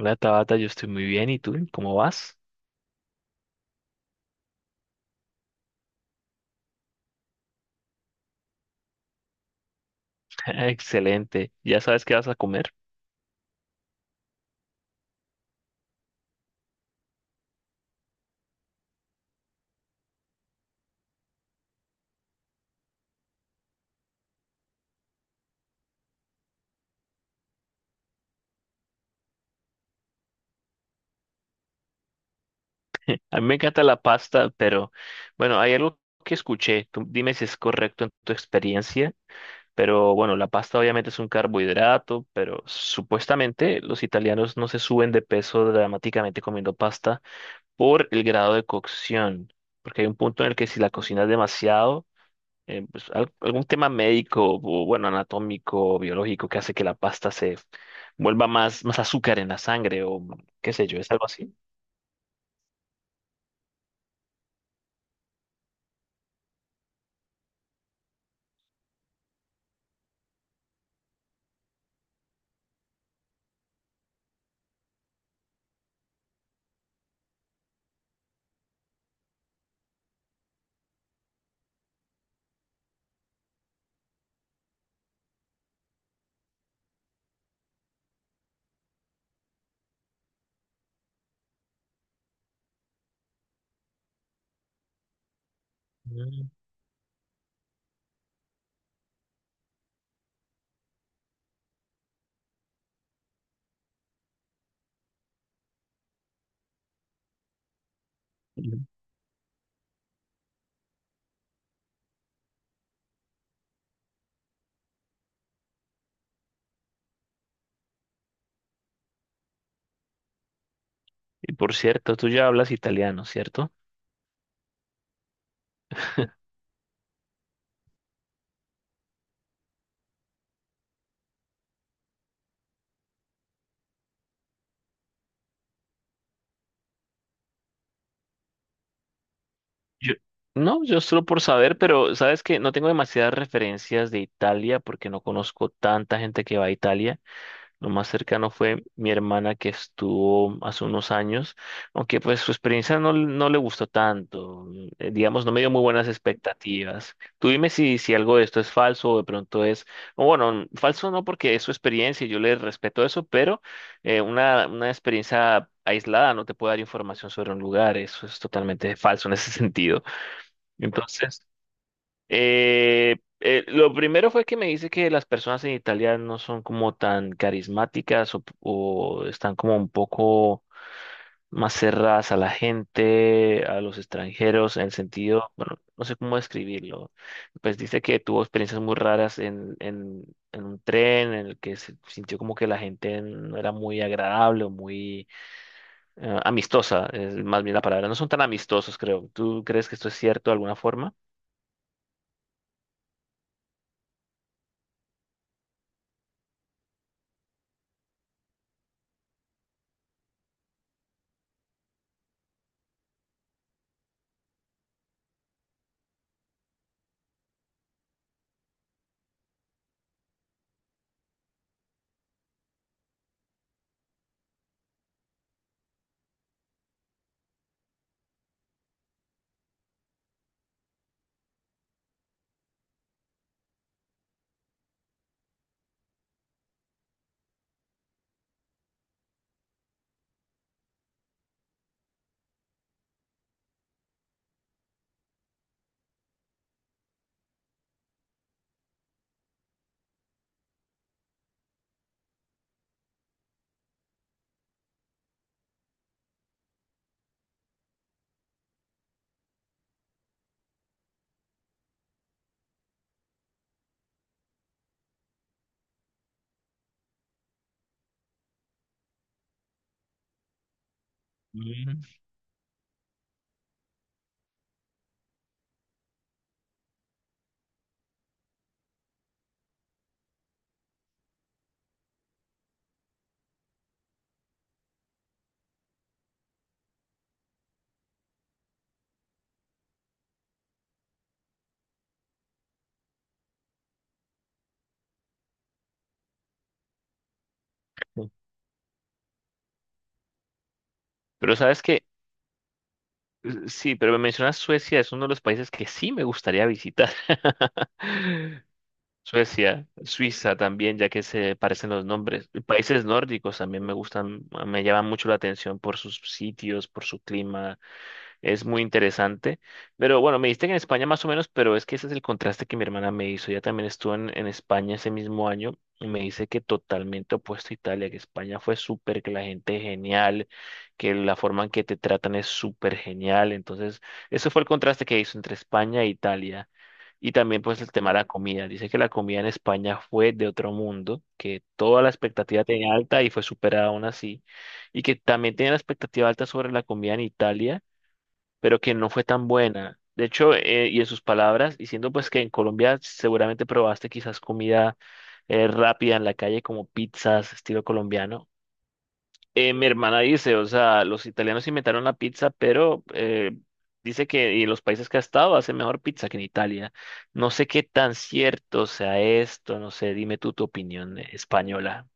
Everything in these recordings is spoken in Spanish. Hola Tabata, yo estoy muy bien. ¿Y tú? ¿Cómo vas? Excelente. ¿Ya sabes qué vas a comer? A mí me encanta la pasta, pero bueno, hay algo que escuché. Tú dime si es correcto en tu experiencia. Pero bueno, la pasta obviamente es un carbohidrato, pero supuestamente los italianos no se suben de peso dramáticamente comiendo pasta por el grado de cocción. Porque hay un punto en el que si la cocinas demasiado, pues, algún tema médico o bueno, anatómico, biológico que hace que la pasta se vuelva más azúcar en la sangre o qué sé yo, es algo así. Mm. Ujú. Y por cierto, tú ya hablas italiano, ¿cierto? Yo, no, yo solo por saber, pero sabes que no tengo demasiadas referencias de Italia porque no conozco tanta gente que va a Italia. Lo más cercano fue mi hermana que estuvo hace unos años, aunque pues su experiencia no le gustó tanto, digamos, no me dio muy buenas expectativas. Tú dime si algo de esto es falso o de pronto es, o bueno, falso no porque es su experiencia y yo le respeto eso, pero una experiencia aislada no te puede dar información sobre un lugar, eso es totalmente falso en ese sentido. Entonces... lo primero fue que me dice que las personas en Italia no son como tan carismáticas o están como un poco más cerradas a la gente, a los extranjeros, en el sentido, bueno, no sé cómo describirlo. Pues dice que tuvo experiencias muy raras en un tren en el que se sintió como que la gente no era muy agradable o muy amistosa, es más bien la palabra. No son tan amistosos, creo. ¿Tú crees que esto es cierto de alguna forma? Mm. Pero sabes que sí, pero me mencionas Suecia, es uno de los países que sí me gustaría visitar. Suecia, Suiza también, ya que se parecen los nombres. Y países nórdicos también me gustan, me llaman mucho la atención por sus sitios, por su clima, es muy interesante. Pero bueno, me diste que en España más o menos, pero es que ese es el contraste que mi hermana me hizo. Ella también estuvo en España ese mismo año y me dice que totalmente opuesto a Italia, que España fue súper, que la gente es genial, que la forma en que te tratan es súper genial. Entonces, eso fue el contraste que hizo entre España e Italia. Y también pues el tema de la comida. Dice que la comida en España fue de otro mundo, que toda la expectativa tenía alta y fue superada aún así. Y que también tenía la expectativa alta sobre la comida en Italia pero que no fue tan buena. De hecho, y en sus palabras, diciendo pues que en Colombia seguramente probaste quizás comida rápida en la calle como pizzas estilo colombiano. Mi hermana dice, o sea, los italianos inventaron la pizza, pero dice que y en los países que ha estado hace mejor pizza que en Italia. No sé qué tan cierto sea esto, no sé, dime tú tu opinión española.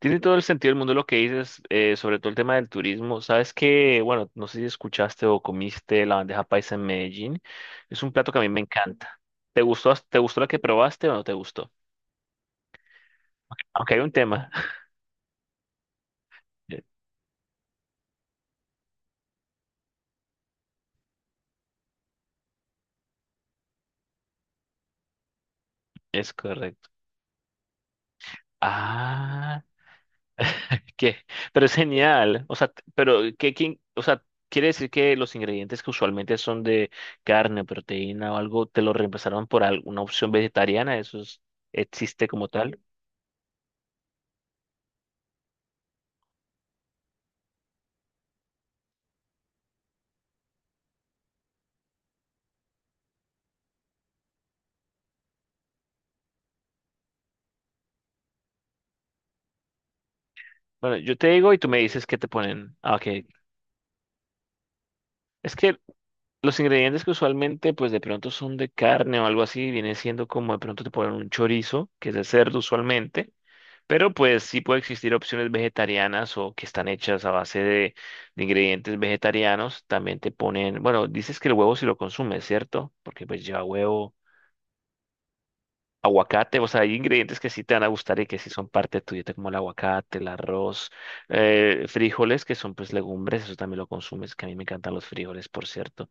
Tiene todo el sentido del mundo lo que dices, sobre todo el tema del turismo. Sabes que, bueno, no sé si escuchaste o comiste la bandeja paisa en Medellín. Es un plato que a mí me encanta. ¿Te gustó la que probaste o no te gustó? Aunque hay un tema. Es correcto. Ah, ¿qué? Pero es genial. O sea, pero o sea, quiere decir que los ingredientes que usualmente son de carne, proteína o algo, te lo reemplazaron por alguna opción vegetariana. ¿Eso existe como tal? Bueno, yo te digo y tú me dices qué te ponen. Ah, ok. Es que los ingredientes que usualmente, pues de pronto son de carne o algo así, viene siendo como de pronto te ponen un chorizo, que es de cerdo usualmente, pero pues sí puede existir opciones vegetarianas o que están hechas a base de ingredientes vegetarianos. También te ponen, bueno, dices que el huevo si lo consumes, ¿cierto? Porque pues lleva huevo. Aguacate, o sea, hay ingredientes que sí te van a gustar y que sí son parte de tu dieta, como el aguacate, el arroz, frijoles, que son pues legumbres, eso también lo consumes, que a mí me encantan los frijoles, por cierto.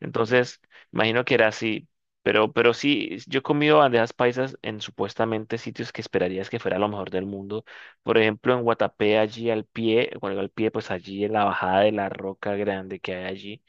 Entonces, imagino que era así, pero sí, yo he comido bandejas paisas en supuestamente sitios que esperarías que fuera lo mejor del mundo. Por ejemplo, en Guatapé, allí al pie, bueno, al pie, pues allí en la bajada de la roca grande que hay allí.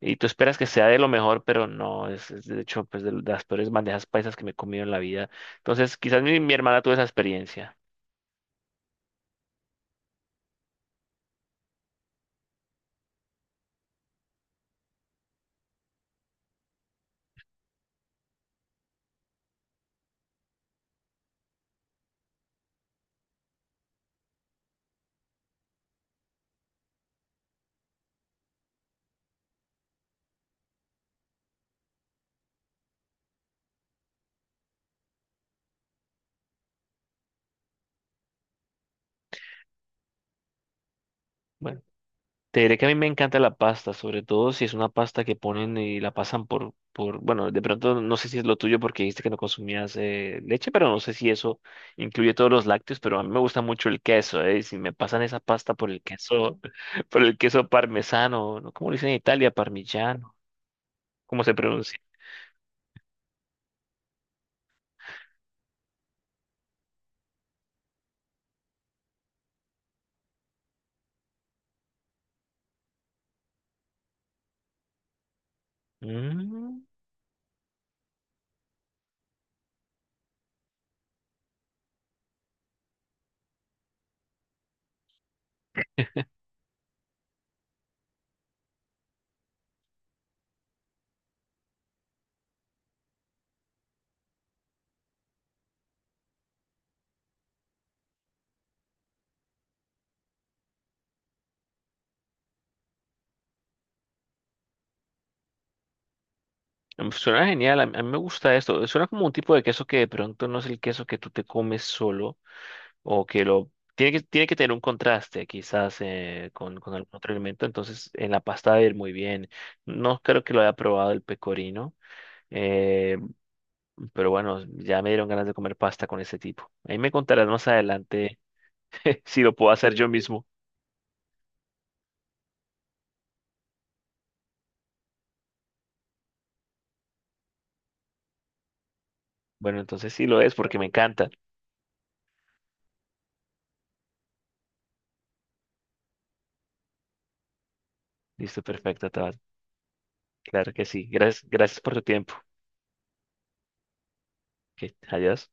Y tú esperas que sea de lo mejor, pero no, es de hecho pues de las peores bandejas paisas que me he comido en la vida. Entonces, quizás mi hermana tuvo esa experiencia. Bueno, te diré que a mí me encanta la pasta, sobre todo si es una pasta que ponen y la pasan bueno, de pronto no sé si es lo tuyo porque dijiste que no consumías leche, pero no sé si eso incluye todos los lácteos, pero a mí me gusta mucho el queso, y si me pasan esa pasta por el queso, por el queso parmesano, ¿no? ¿Cómo lo dicen en Italia? Parmigiano, ¿cómo se pronuncia? Mm. Mm, suena genial, a mí me gusta esto. Suena como un tipo de queso que de pronto no es el queso que tú te comes solo o que lo... tiene que tener un contraste quizás con algún otro elemento, entonces en la pasta va a ir muy bien. No creo que lo haya probado el pecorino, eh, pero bueno, ya me dieron ganas de comer pasta con ese tipo. Ahí me contarás más adelante si lo puedo hacer yo mismo. Bueno, entonces sí lo es porque me encanta. Listo, perfecto, Tabata. Claro que sí. Gracias, gracias por tu tiempo. Que adiós.